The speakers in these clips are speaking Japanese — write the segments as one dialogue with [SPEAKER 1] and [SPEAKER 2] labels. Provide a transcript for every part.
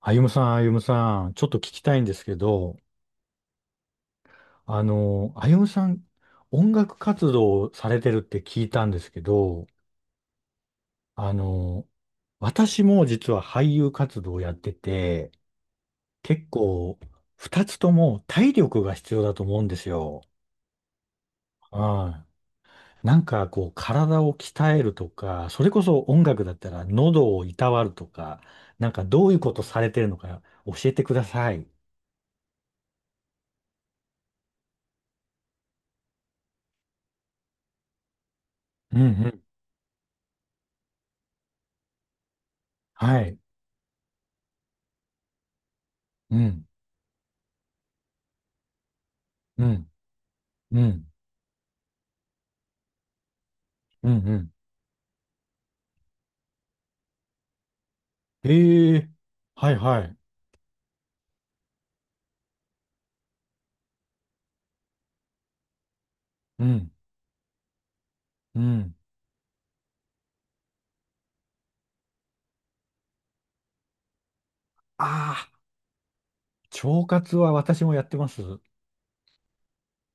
[SPEAKER 1] あゆむさん、あゆむさん、ちょっと聞きたいんですけど、あの、あゆむさん、音楽活動をされてるって聞いたんですけど、あの、私も実は俳優活動をやってて、結構、二つとも体力が必要だと思うんですよ。はい。なんかこう、体を鍛えるとか、それこそ音楽だったら喉をいたわるとか、なんかどういうことされてるのか教えてください。うんうん。はい。うん。うん。うん。うんうん。ええ、はいはい。うん、うん。ああ、腸活は私もやってます。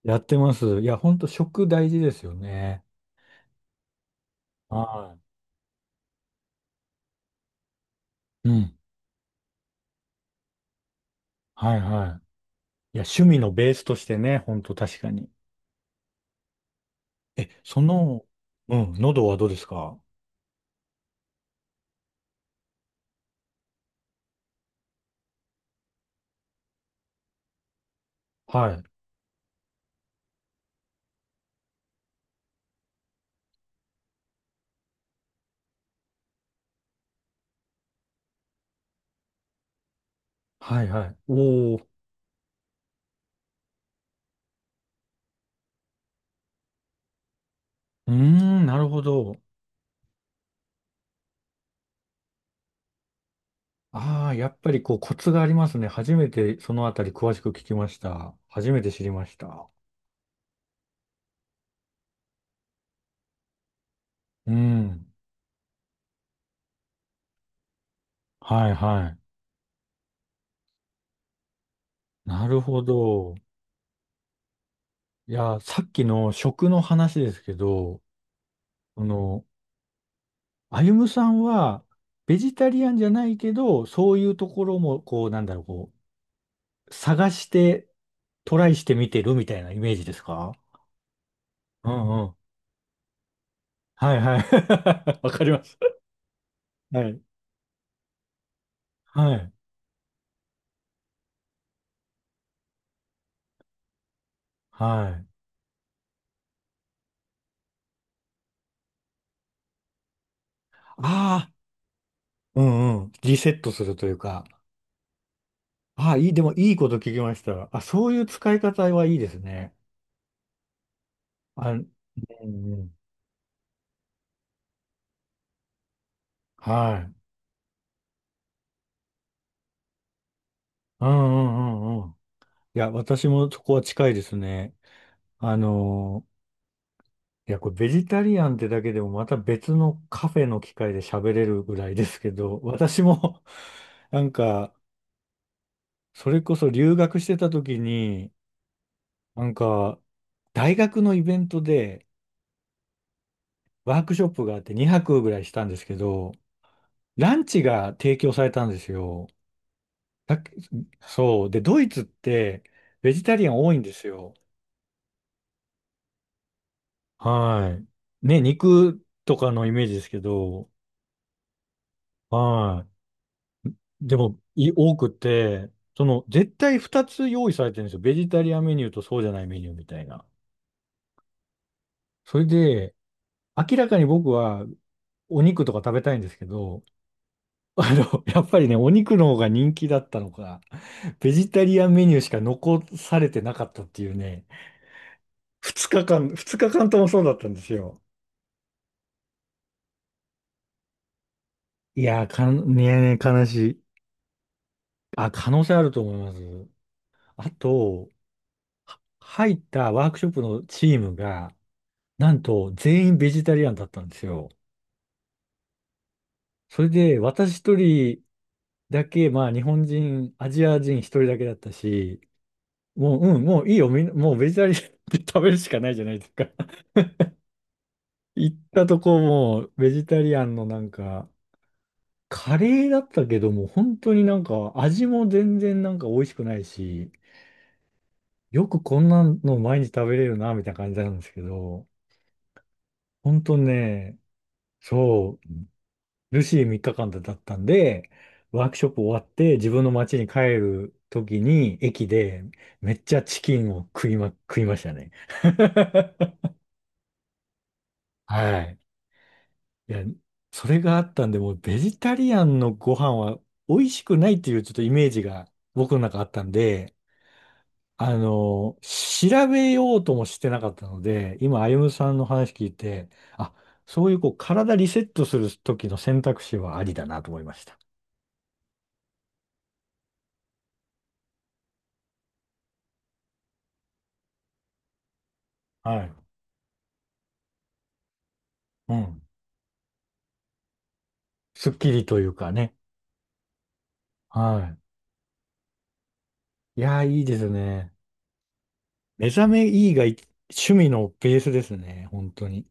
[SPEAKER 1] やってます。いや、ほんと食大事ですよね。はい。うん。はいはい。いや、趣味のベースとしてね、ほんと確かに。え、その、うん、喉はどうですか？はい。はいはい。おお。うーん、なるほど。ああ、やっぱりこうコツがありますね。初めてそのあたり詳しく聞きました。初めて知りました。うん。はいはい。なるほど。いや、さっきの食の話ですけど、あの、歩夢さんは、ベジタリアンじゃないけど、そういうところも、こう、なんだろう、こう、探して、トライしてみてるみたいなイメージですか？うんうん。はいはい。わかります。はい。はい。はい。ああ、うんうん。リセットするというか。ああ、いい、でもいいこと聞きました。あ、そういう使い方はいいですね。あ、うんうん。はい。うんうんうんうん。いや、私もそこは近いですね。あのいや、これベジタリアンってだけでもまた別のカフェの機会で喋れるぐらいですけど、私も なんか、それこそ留学してた時に、なんか、大学のイベントでワークショップがあって2泊ぐらいしたんですけど、ランチが提供されたんですよ。だっけ？そう。で、ドイツってベジタリアン多いんですよ。はい。ね、肉とかのイメージですけど、はい。でも、多くて、その、絶対2つ用意されてるんですよ。ベジタリアンメニューとそうじゃないメニューみたいな。それで、明らかに僕はお肉とか食べたいんですけど、あの、やっぱりね、お肉の方が人気だったのか、ベジタリアンメニューしか残されてなかったっていうね、2日間、2日間ともそうだったんですよ。いやー、ねえ、悲しい。あ、可能性あると思います。あと、入ったワークショップのチームが、なんと全員ベジタリアンだったんですよ。それで私一人だけ、まあ日本人、アジア人一人だけだったし、もう、うん、もういいよ、みんな、もうベジタリアンで食べるしかないじゃないですか。行ったとこもうベジタリアンのなんか、カレーだったけども、本当になんか味も全然なんか美味しくないし、よくこんなの毎日食べれるな、みたいな感じなんですけど、本当ね、そう。ルシー3日間だったんで、ワークショップ終わって自分の町に帰る時に駅でめっちゃチキンを食いましたね。はい。いや、それがあったんで、もうベジタリアンのご飯は美味しくないっていうちょっとイメージが僕の中あったんで、あの、調べようともしてなかったので、今、歩ゆさんの話聞いて、あ、そういうこう体リセットする時の選択肢はありだなと思いました。はい。うん。すっきりというかね。はい。いやー、いいですね。目覚めいいがい趣味のベースですね。本当に。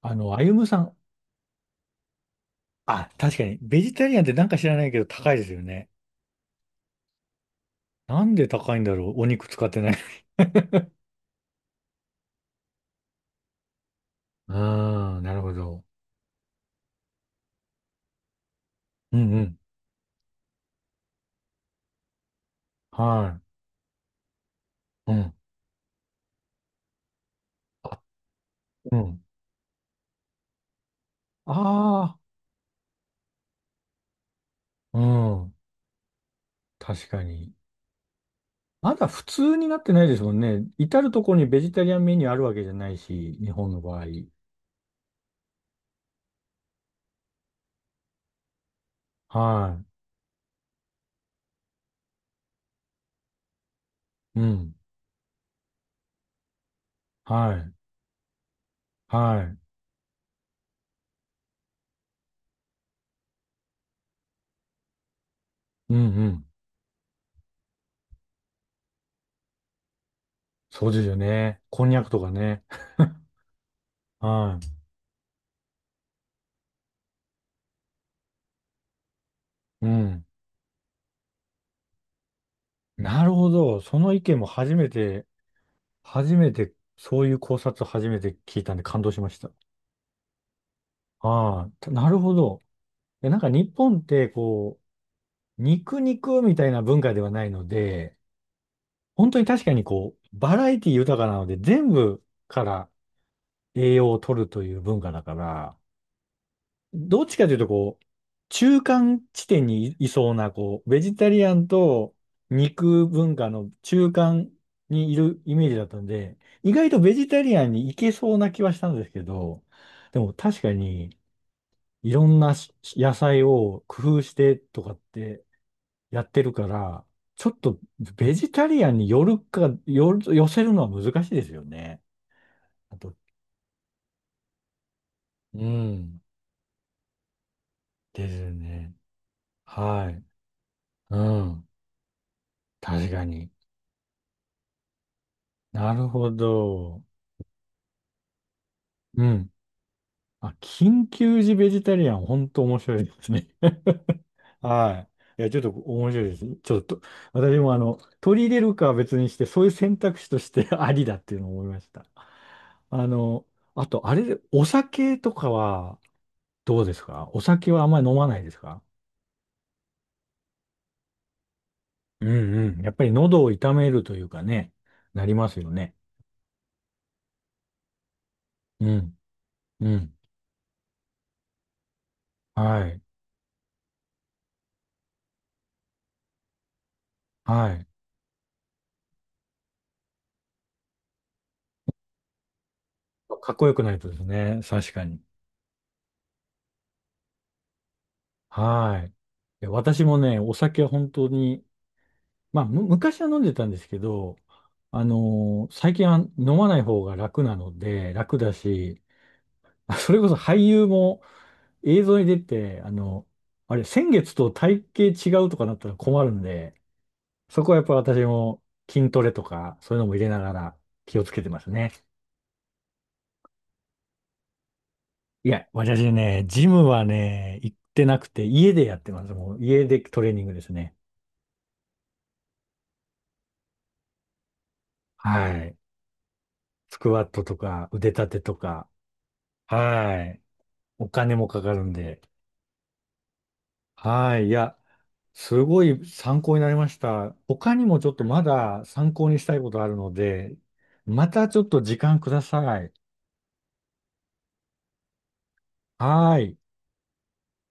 [SPEAKER 1] あの、歩夢さん。あ、確かに。ベジタリアンってなんか知らないけど高いですよね。なんで高いんだろう。お肉使ってない。ああ、なるほど。うんうん。はい。うん。あ、うん。ああ、うん。確かに。まだ普通になってないですもんね。至るところにベジタリアンメニューあるわけじゃないし、日本の場合。はい。うん。はい。はい。うんうん。そうですよね。こんにゃくとかね。はい。うん。なるほど。その意見も初めて、そういう考察を初めて聞いたんで感動しました。はい。なるほど。いやなんか日本って、こう、肉肉みたいな文化ではないので、本当に確かにこう、バラエティ豊かなので、全部から栄養を取るという文化だから、どっちかというと、こう、中間地点にいそうな、こう、ベジタリアンと肉文化の中間にいるイメージだったんで、意外とベジタリアンに行けそうな気はしたんですけど、でも確かに、いろんな野菜を工夫してとかってやってるから、ちょっとベジタリアンに寄るか、寄る、寄せるのは難しいですよね。あと、うん。ですね。はい。うん。確かに。なるほど。うん。あ、緊急時ベジタリアン、本当面白いですね。はい。いや、ちょっと面白いです。ちょっと、私もあの、取り入れるかは別にして、そういう選択肢として ありだっていうのを思いました。あの、あと、あれで、お酒とかはどうですか？お酒はあんまり飲まないですか？うんうん。やっぱり喉を痛めるというかね、なりますよね。うん、うん。はい、はい。かっこよくないとですね、確かに。はい。いや私もね、お酒は本当に、まあ、昔は飲んでたんですけど、最近は飲まない方が楽なので、楽だし、あ、それこそ俳優も映像に出て、あの、あれ、先月と体型違うとかなったら困るんで、そこはやっぱ私も筋トレとか、そういうのも入れながら気をつけてますね。いや、私ね、ジムはね、行ってなくて、家でやってます。もう家でトレーニングですね。はい。スクワットとか腕立てとか、はい。お金もかかるんで。はい。いや、すごい参考になりました。他にもちょっとまだ参考にしたいことあるので、またちょっと時間ください。はい。